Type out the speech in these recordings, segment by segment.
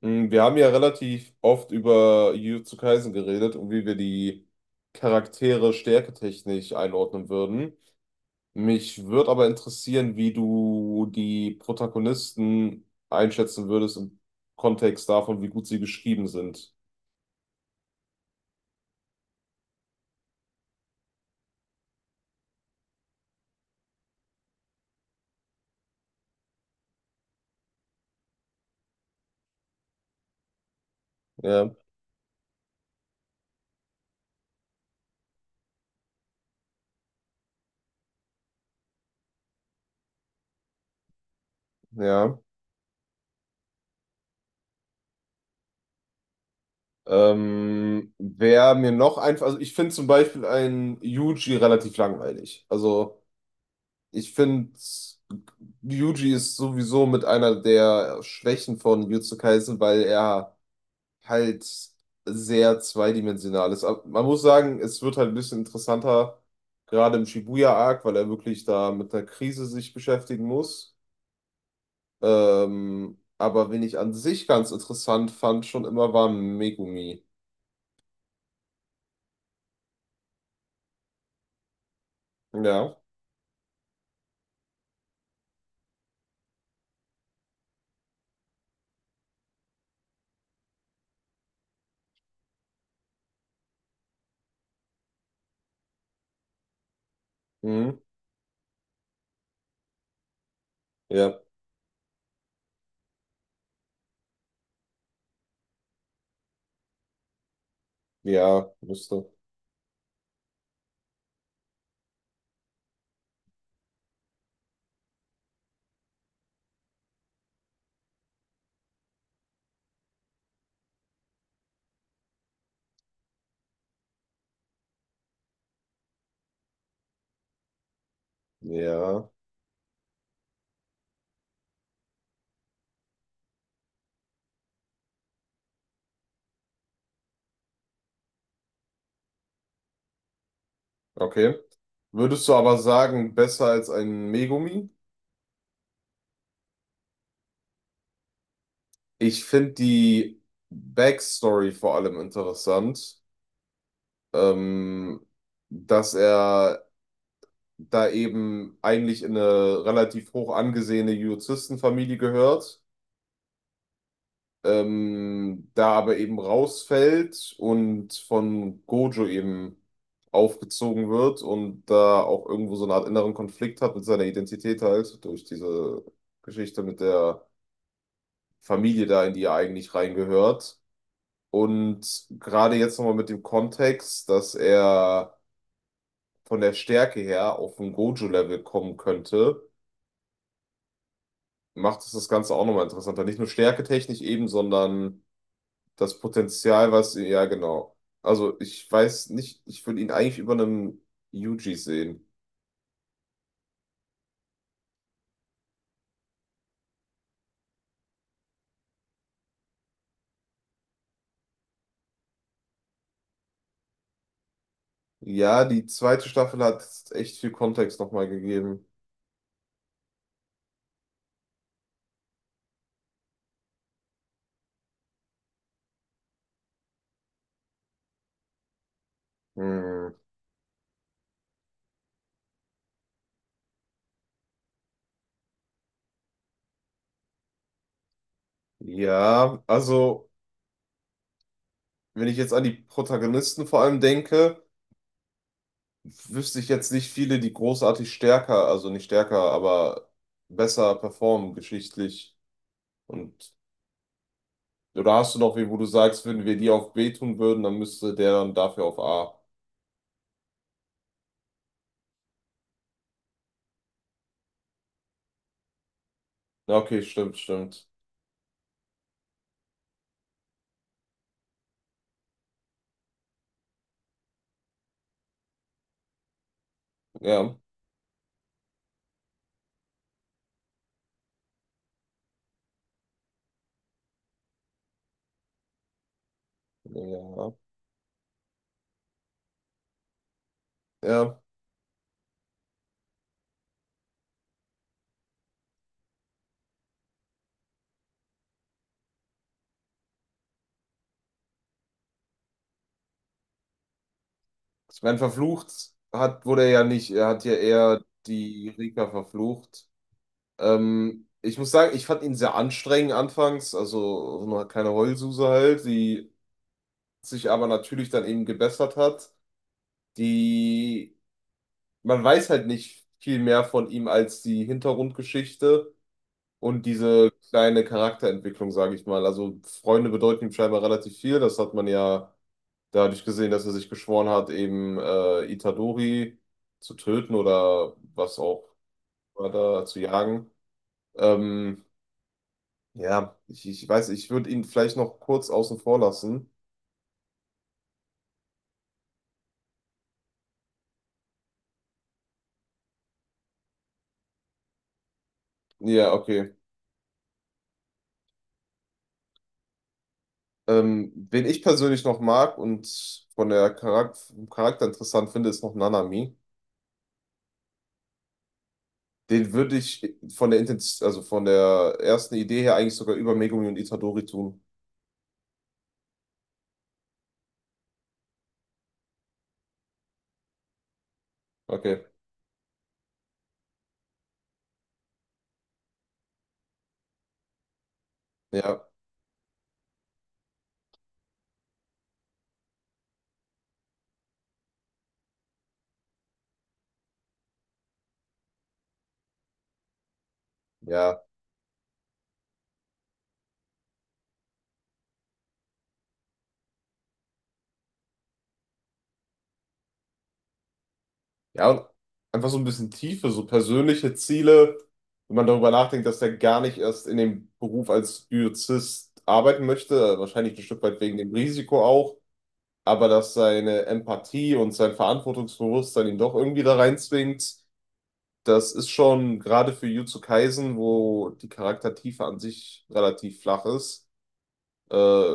Wir haben ja relativ oft über Jujutsu Kaisen geredet und wie wir die Charaktere stärketechnisch einordnen würden. Mich würde aber interessieren, wie du die Protagonisten einschätzen würdest im Kontext davon, wie gut sie geschrieben sind. Ja, ja. Wer mir noch einfach, also ich finde zum Beispiel einen Yuji relativ langweilig. Also ich finde, Yuji ist sowieso mit einer der Schwächen von Jujutsu Kaisen, weil er halt sehr zweidimensional ist. Aber man muss sagen, es wird halt ein bisschen interessanter, gerade im Shibuya-Arc, weil er wirklich da mit einer Krise sich beschäftigen muss. Aber wen ich an sich ganz interessant fand, schon immer war Megumi. Ja. Mhm. Ja. Ja, müsste. Ja. Okay. Würdest du aber sagen, besser als ein Megumi? Ich finde die Backstory vor allem interessant, ähm, dass er da eben eigentlich in eine relativ hoch angesehene Juristenfamilie gehört, da aber eben rausfällt und von Gojo eben aufgezogen wird und da auch irgendwo so eine Art inneren Konflikt hat mit seiner Identität halt durch diese Geschichte mit der Familie da, in die er eigentlich reingehört. Und gerade jetzt nochmal mit dem Kontext, dass er von der Stärke her auf ein Gojo-Level kommen könnte, macht es das Ganze auch nochmal interessanter. Nicht nur stärketechnisch eben, sondern das Potenzial, was, ja, genau. Also ich weiß nicht, ich würde ihn eigentlich über einem Yuji sehen. Ja, die zweite Staffel hat echt viel Kontext nochmal gegeben. Hm. Ja, also wenn ich jetzt an die Protagonisten vor allem denke, wüsste ich jetzt nicht viele, die großartig stärker, also nicht stärker, aber besser performen geschichtlich. Und oder hast du noch wie, wo du sagst, wenn wir die auf B tun würden, dann müsste der dann dafür auf A. Ja, okay, stimmt, stimmt. Ja, ja, ja. Ich meine, verflucht hat, wurde er ja nicht. Er hat ja eher die Rika verflucht. Ich muss sagen, ich fand ihn sehr anstrengend anfangs, also so eine kleine Heulsuse halt, die sich aber natürlich dann eben gebessert hat. Die, man weiß halt nicht viel mehr von ihm als die Hintergrundgeschichte und diese kleine Charakterentwicklung, sage ich mal. Also Freunde bedeuten ihm scheinbar relativ viel. Das hat man ja dadurch gesehen, dass er sich geschworen hat, eben Itadori zu töten oder was auch war da zu jagen. Ähm, ja, ich weiß, ich würde ihn vielleicht noch kurz außen vor lassen. Ja, okay. Wen ich persönlich noch mag und von der Charak vom Charakter interessant finde, ist noch Nanami. Den würde ich von der Intens also von der ersten Idee her eigentlich sogar über Megumi und Itadori tun. Okay. Ja, ja, ja. Und einfach so ein bisschen Tiefe, so persönliche Ziele, wenn man darüber nachdenkt, dass er gar nicht erst in dem Beruf als Biozist arbeiten möchte, wahrscheinlich ein Stück weit wegen dem Risiko auch, aber dass seine Empathie und sein Verantwortungsbewusstsein ihn doch irgendwie da reinzwingt. Das ist schon gerade für Jujutsu Kaisen, wo die Charaktertiefe an sich relativ flach ist,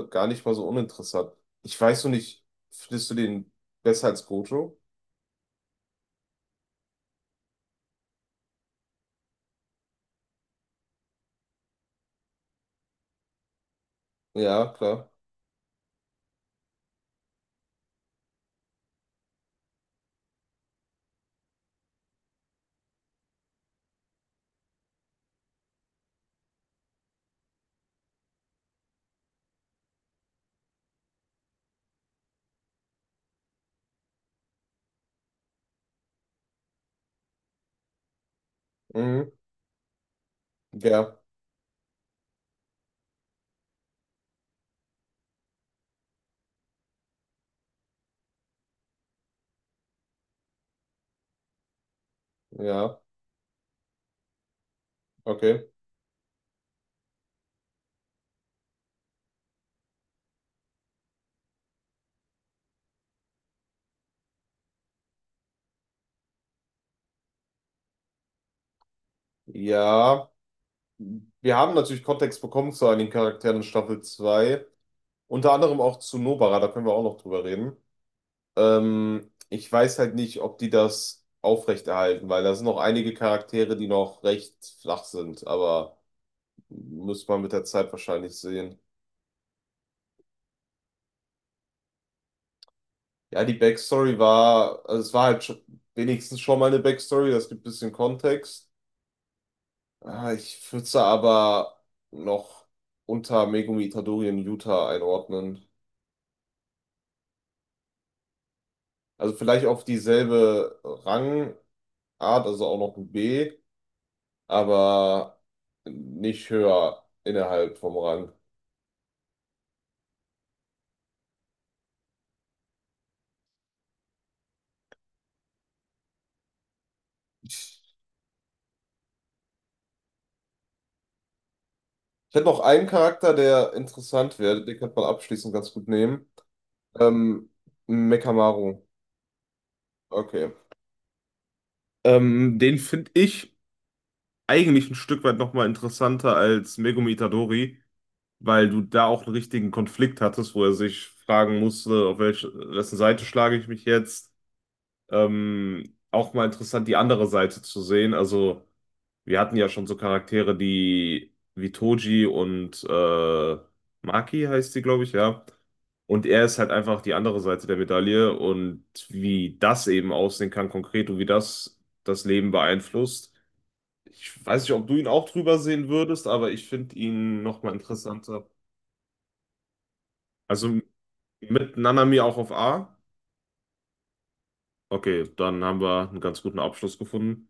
gar nicht mal so uninteressant. Ich weiß nur nicht, findest du den besser als Gojo? Ja, klar. Mhm. Ja, ja, okay. Ja, wir haben natürlich Kontext bekommen zu einigen Charakteren in Staffel 2, unter anderem auch zu Nobara, da können wir auch noch drüber reden. Ich weiß halt nicht, ob die das aufrechterhalten, weil da sind noch einige Charaktere, die noch recht flach sind, aber muss man mit der Zeit wahrscheinlich sehen. Ja, die Backstory war, also es war halt schon, wenigstens schon mal eine Backstory, das gibt ein bisschen Kontext. Ah, ich würde sie aber noch unter Megumi Itadori in Yuta einordnen. Also vielleicht auf dieselbe Rangart, also auch noch ein B, aber nicht höher innerhalb vom Rang. Ich hätte noch einen Charakter, der interessant wäre, den könnte man abschließend ganz gut nehmen. Ähm, Mekamaru. Okay. Den finde ich eigentlich ein Stück weit nochmal interessanter als Megumi Itadori, weil du da auch einen richtigen Konflikt hattest, wo er sich fragen musste, auf welche, wessen Seite schlage ich mich jetzt. Auch mal interessant, die andere Seite zu sehen. Also, wir hatten ja schon so Charaktere, die wie Toji und Maki heißt sie, glaube ich, ja. Und er ist halt einfach die andere Seite der Medaille und wie das eben aussehen kann konkret und wie das das Leben beeinflusst. Ich weiß nicht, ob du ihn auch drüber sehen würdest, aber ich finde ihn nochmal interessanter. Also mit Nanami auch auf A. Okay, dann haben wir einen ganz guten Abschluss gefunden.